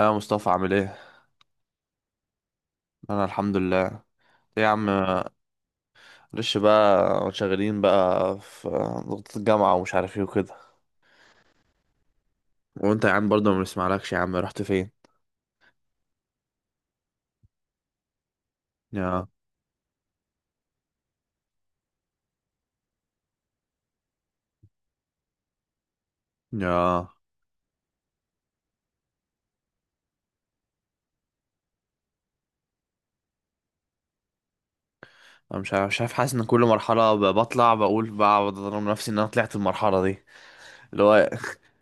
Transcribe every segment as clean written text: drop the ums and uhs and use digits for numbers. اه مصطفى، عامل ايه؟ انا الحمد لله. ايه يا عم؟ معلش بقى، شغالين بقى في ضغط الجامعه ومش عارف ايه وكده. وانت يا عم برضه ما بنسمعلكش، يا عم رحت فين؟ يا يا. انا مش عارف، حاسس ان كل مرحله بطلع بقول، بقعد اضرب نفسي ان انا طلعت المرحله دي. اللي هو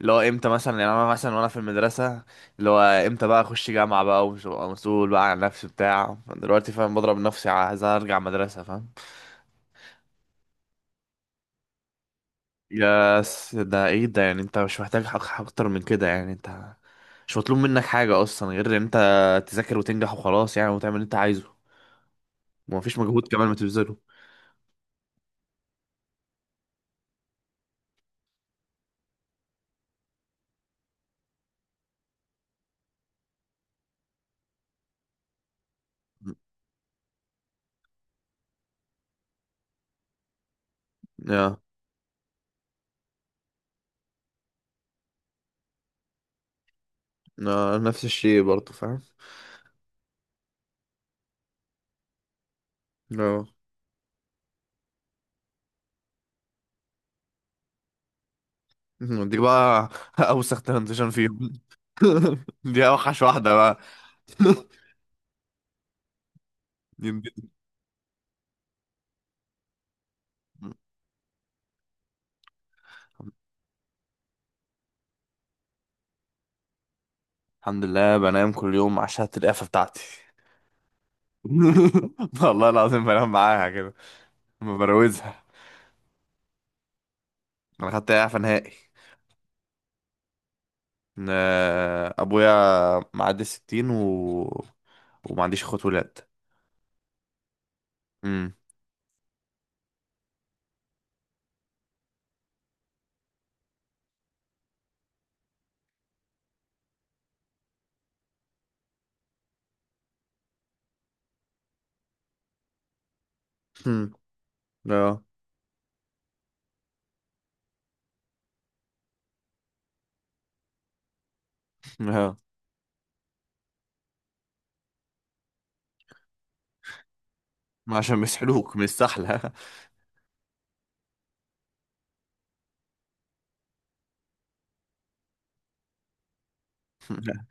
اللي هو امتى مثلا يعني، انا مثلا وانا في المدرسه اللي هو امتى بقى اخش جامعه بقى ومسؤول بقى عن نفسي بتاع دلوقتي، فاهم؟ بضرب نفسي عايز ارجع مدرسه، فاهم؟ ده ايه ده يعني؟ انت مش محتاج حق اكتر من كده يعني، انت مش مطلوب منك حاجة اصلا غير ان انت تذاكر وتنجح وخلاص يعني، وتعمل اللي انت عايزه ومفيش مجهود كمان ما تبذله. يا يا نفس الشيء برضه، فاهم. اه، دي بقى اوسخ ترانزيشن فيهم. دي اوحش واحدة بقى. يمكن. الحمد لله بنام كل يوم عشان القفة بتاعتي. والله العظيم بنام معاها كده، ما بروزها. انا خدت اعفاء نهائي. إن ابويا معدي الستين و... وما عنديش اخوات ولاد. امم. هم. اه. اه، ما عشان بيسحلوك من السحلة.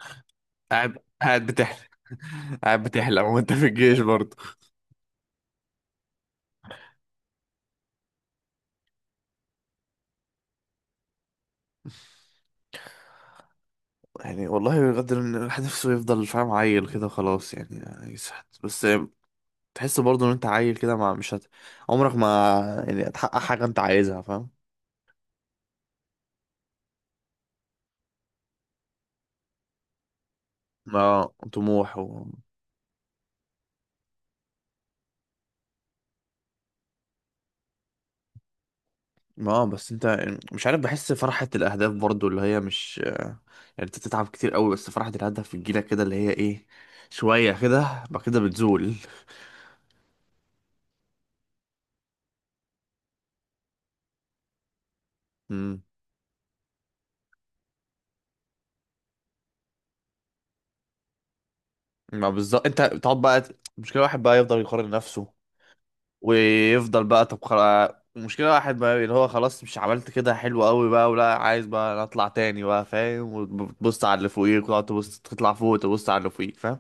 قاعد قاعد بتحلم قاعد بتحلم وانت في الجيش برضه. يعني والله بجد إن الواحد نفسه يفضل، فاهم، عيل كده خلاص يعني يسحت بس. تحس برضه ان انت عيل كده، ما مش عمرك ما يعني هتحقق حاجة انت عايزها، فاهم. ما طموح و... اه بس انت، مش عارف، بحس فرحة الأهداف برضو اللي هي مش يعني، انت بتتعب كتير قوي بس فرحة الهدف بتجيلك كده اللي هي ايه، شوية كده بعد كده بتزول. امم. ما بالظبط، انت بتقعد بقى مشكلة واحد بقى يفضل يقارن نفسه، ويفضل بقى، طب خلاص، مشكلة واحد بقى اللي هو خلاص، مش عملت كده حلو قوي بقى ولا عايز بقى نطلع تاني بقى، فاهم، وتبص على اللي فوقيك وتقعد تبص تطلع فوق وتبص على اللي فوقيك، فاهم.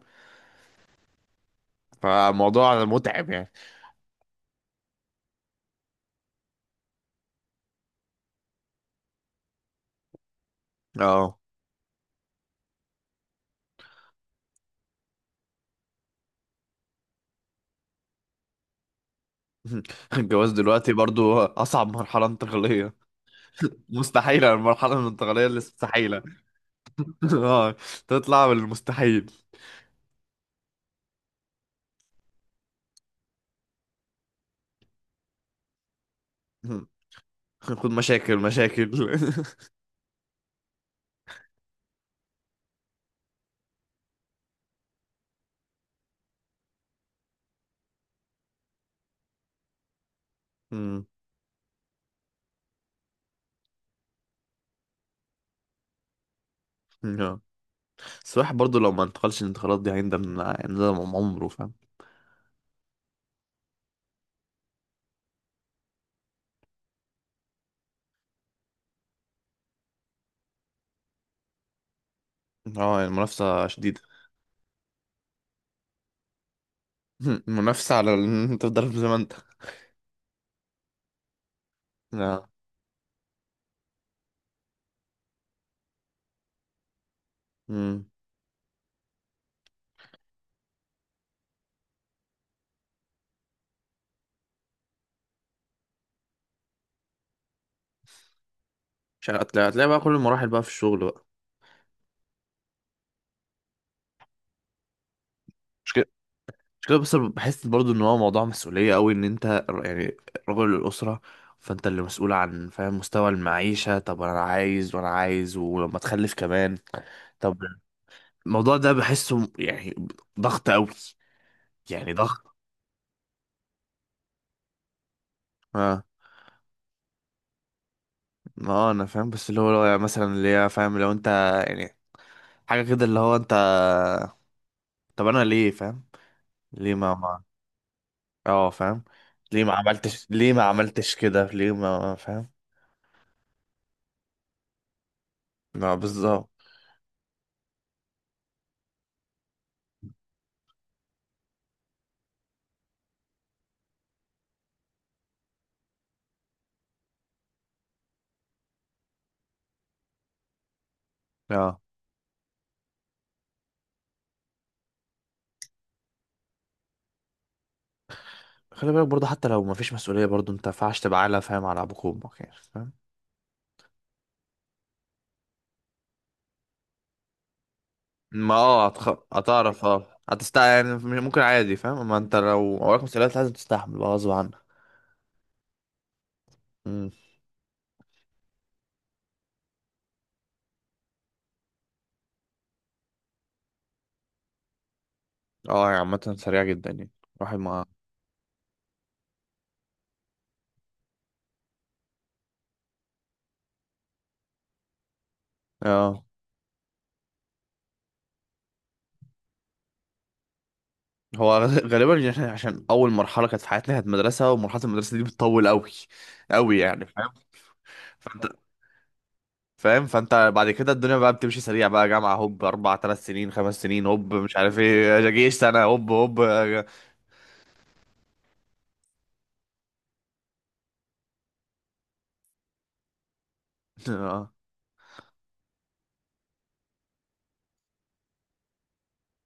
فالموضوع متعب يعني. اه. الجواز دلوقتي برضو أصعب مرحلة انتقالية. مستحيلة، المرحلة الانتقالية اللي مستحيلة. اه، تطلع من المستحيل. خد مشاكل مشاكل. مم. آه. بس الواحد برضو لو ما انتقلش الانتقالات دي هيندم، هيندم عمره، فاهم. اه يعني المنافسة شديدة. المنافسة على إن انت تفضل زي ما انت. آه. مم. مش عارف، هتلاقي، هتلاقي بقى كل المراحل بقى في الشغل بقى. مش كده بس، أنا بحس برضو ان هو موضوع مسؤولية قوي، ان انت يعني رجل الأسرة. فانت اللي مسؤول عن، فاهم، مستوى المعيشة، طب انا عايز وانا عايز ولما تخلف كمان. طب الموضوع ده بحسه يعني ضغط قوي، يعني ضغط. اه. ما هو انا فاهم، بس اللي هو لو يعني مثلا اللي هي، فاهم، لو انت يعني حاجة كده اللي هو انت، طب انا ليه، فاهم، ليه ما، اه فاهم، ليه ما عملتش، ليه ما عملتش كده، ليه ما، فاهم. لا بالظبط. اه خلي بالك برضه، حتى لو مفيش مسؤولية برضه انت مينفعش تبقى عالة، فاهم، على ابوك وامك يعني، فاهم. ما اه هتعرف، اه هتستع يعني. ممكن عادي، فاهم، اما انت لو وراك مسؤوليات لازم تستحمل بقى غصب عنك. مم. اه، هي عامة سريعة جدا يعني، الواحد ما، اه هو غالبا، يعني عشان عشان اول مرحلة كانت في حياتنا كانت مدرسة، ومرحلة المدرسة دي بتطول قوي قوي يعني، فاهم، فانت، فاهم، فانت بعد كده الدنيا بقى بتمشي سريع بقى، جامعة هوب، اربع ثلاث سنين خمس سنين هوب، مش عارف ايه، جيش سنة هوب هوب. اه.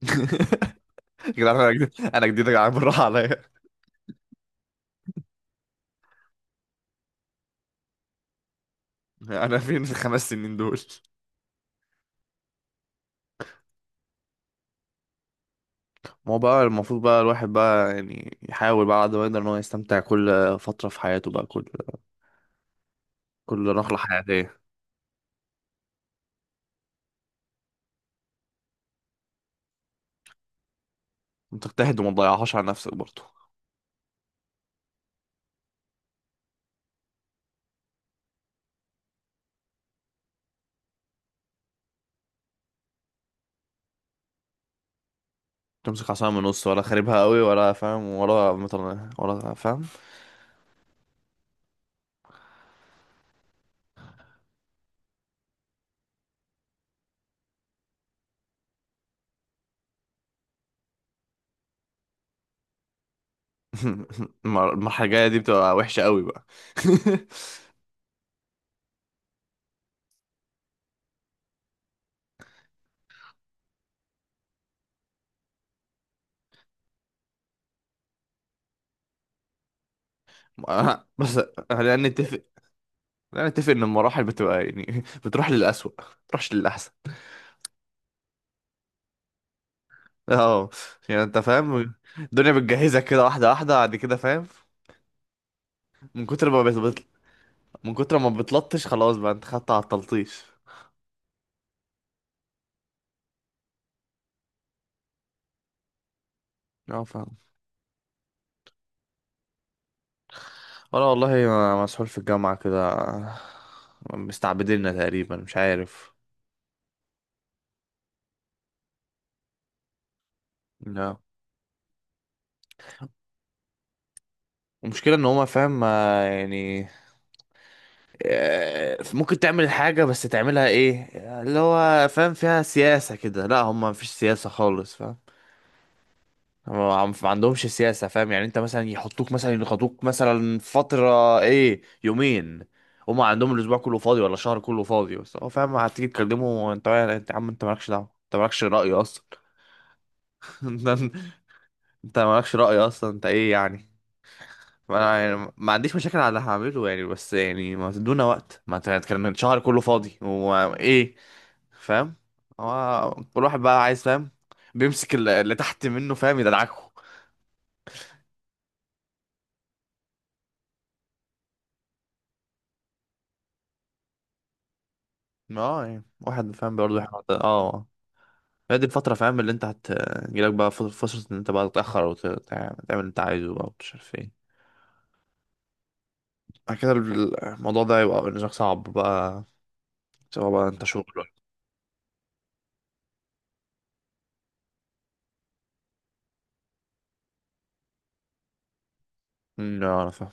يا جدعان انا جديد، انا جديد يا جدعان، بالراحه عليا. انا فين في الخمس سنين دول؟ ما هو بقى، المفروض بقى الواحد بقى يعني يحاول بقى على قد ما يقدر ان هو يستمتع كل فتره في حياته بقى، كل كل نقله حياتيه، وتجتهد وما تضيعهاش على نفسك برضه. تمسك عصايه من النص، ولا خاربها قوي، ولا فاهم، ولا مطلع ولا فاهم. المرحله الجايه دي بتبقى وحشه قوي بقى. بس خلينا نتفق، خلينا نتفق ان المراحل بتبقى يعني بتروح للأسوأ، ما بتروحش للأحسن. اه يعني انت فاهم، الدنيا بتجهزك كده واحدة واحدة بعد كده، فاهم. من كتر ما بت... بت- من كتر ما بتلطش، خلاص بقى انت خدت على التلطيش. اه، فاهم. انا والله مسحول في الجامعة كده، مستعبديننا تقريبا مش عارف. لا. المشكلة ان هما، فاهم، ما يعني، آه، ممكن تعمل حاجة بس تعملها ايه اللي هو فاهم فيها سياسة كده، لا هما مفيش سياسة خالص. ما عندهمش سياسة، فاهم. يعني انت مثلا يحطوك مثلا يخطوك مثلا فترة ايه يومين، هما عندهم الاسبوع كله فاضي ولا الشهر كله فاضي، بس هو، فاهم، هتيجي تكلمه انت، يا انت يا عم، انت مالكش دعوة، انت مالكش رأي اصلا. انت، انت مالكش رأي اصلا، انت ايه يعني؟ انا يعني ما عنديش مشاكل على اللي هعمله يعني، بس يعني ما تدونا وقت، ما انت هتكلم الشهر كله فاضي وايه، فاهم. هو كل واحد بقى عايز، فاهم، بيمسك اللي تحت منه، فاهم، يدلعكه. اه يعني واحد فاهم برضه اه، هي دي الفترة، فاهم، اللي انت هتجيلك بقى فرصة ان انت بقى تتأخر وتعمل اللي انت عايزه بقى، ومش عارف ايه. بعد كده الموضوع ده يبقى بالنسبة لك صعب بقى، سواء بقى انت شغل ولا. أمم، لا انا فاهم.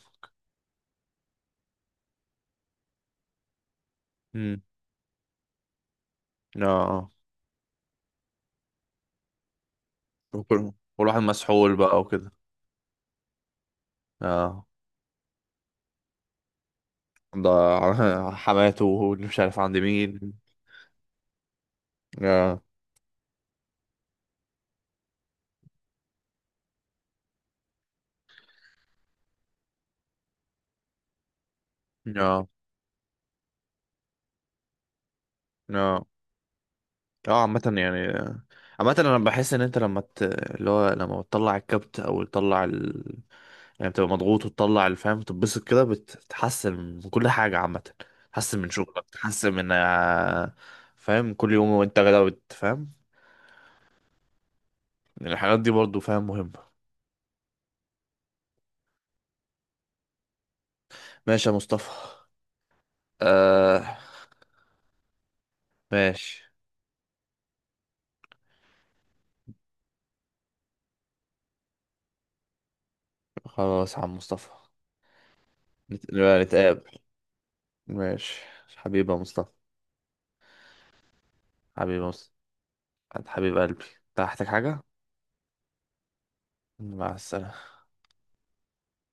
أمم، لا. اه وكل- والواحد مسحول بقى وكده. اه ده حماته واللي مش عارف عند مين. اه. اه. اه. اه، عامة يعني، عامة انا بحس ان انت لما ت... اللي هو لما بتطلع الكبت او تطلع ال... يعني بتبقى مضغوط وتطلع الفهم، تتبسط كده، بتتحسن من كل حاجة عامة، تحسن من شغلك، تحسن من آه، فاهم، كل يوم وانت غدا بتفهم. الحاجات دي برضو، فاهم، مهمة. ماشي يا مصطفى. آه. ماشي. خلاص يا عم مصطفى. نبقى نتقابل. ماشي. حبيبي يا مصطفى. حبيبي يا مصطفى. حبيب قلبي، أنت محتاج حاجة؟ مع السلامة.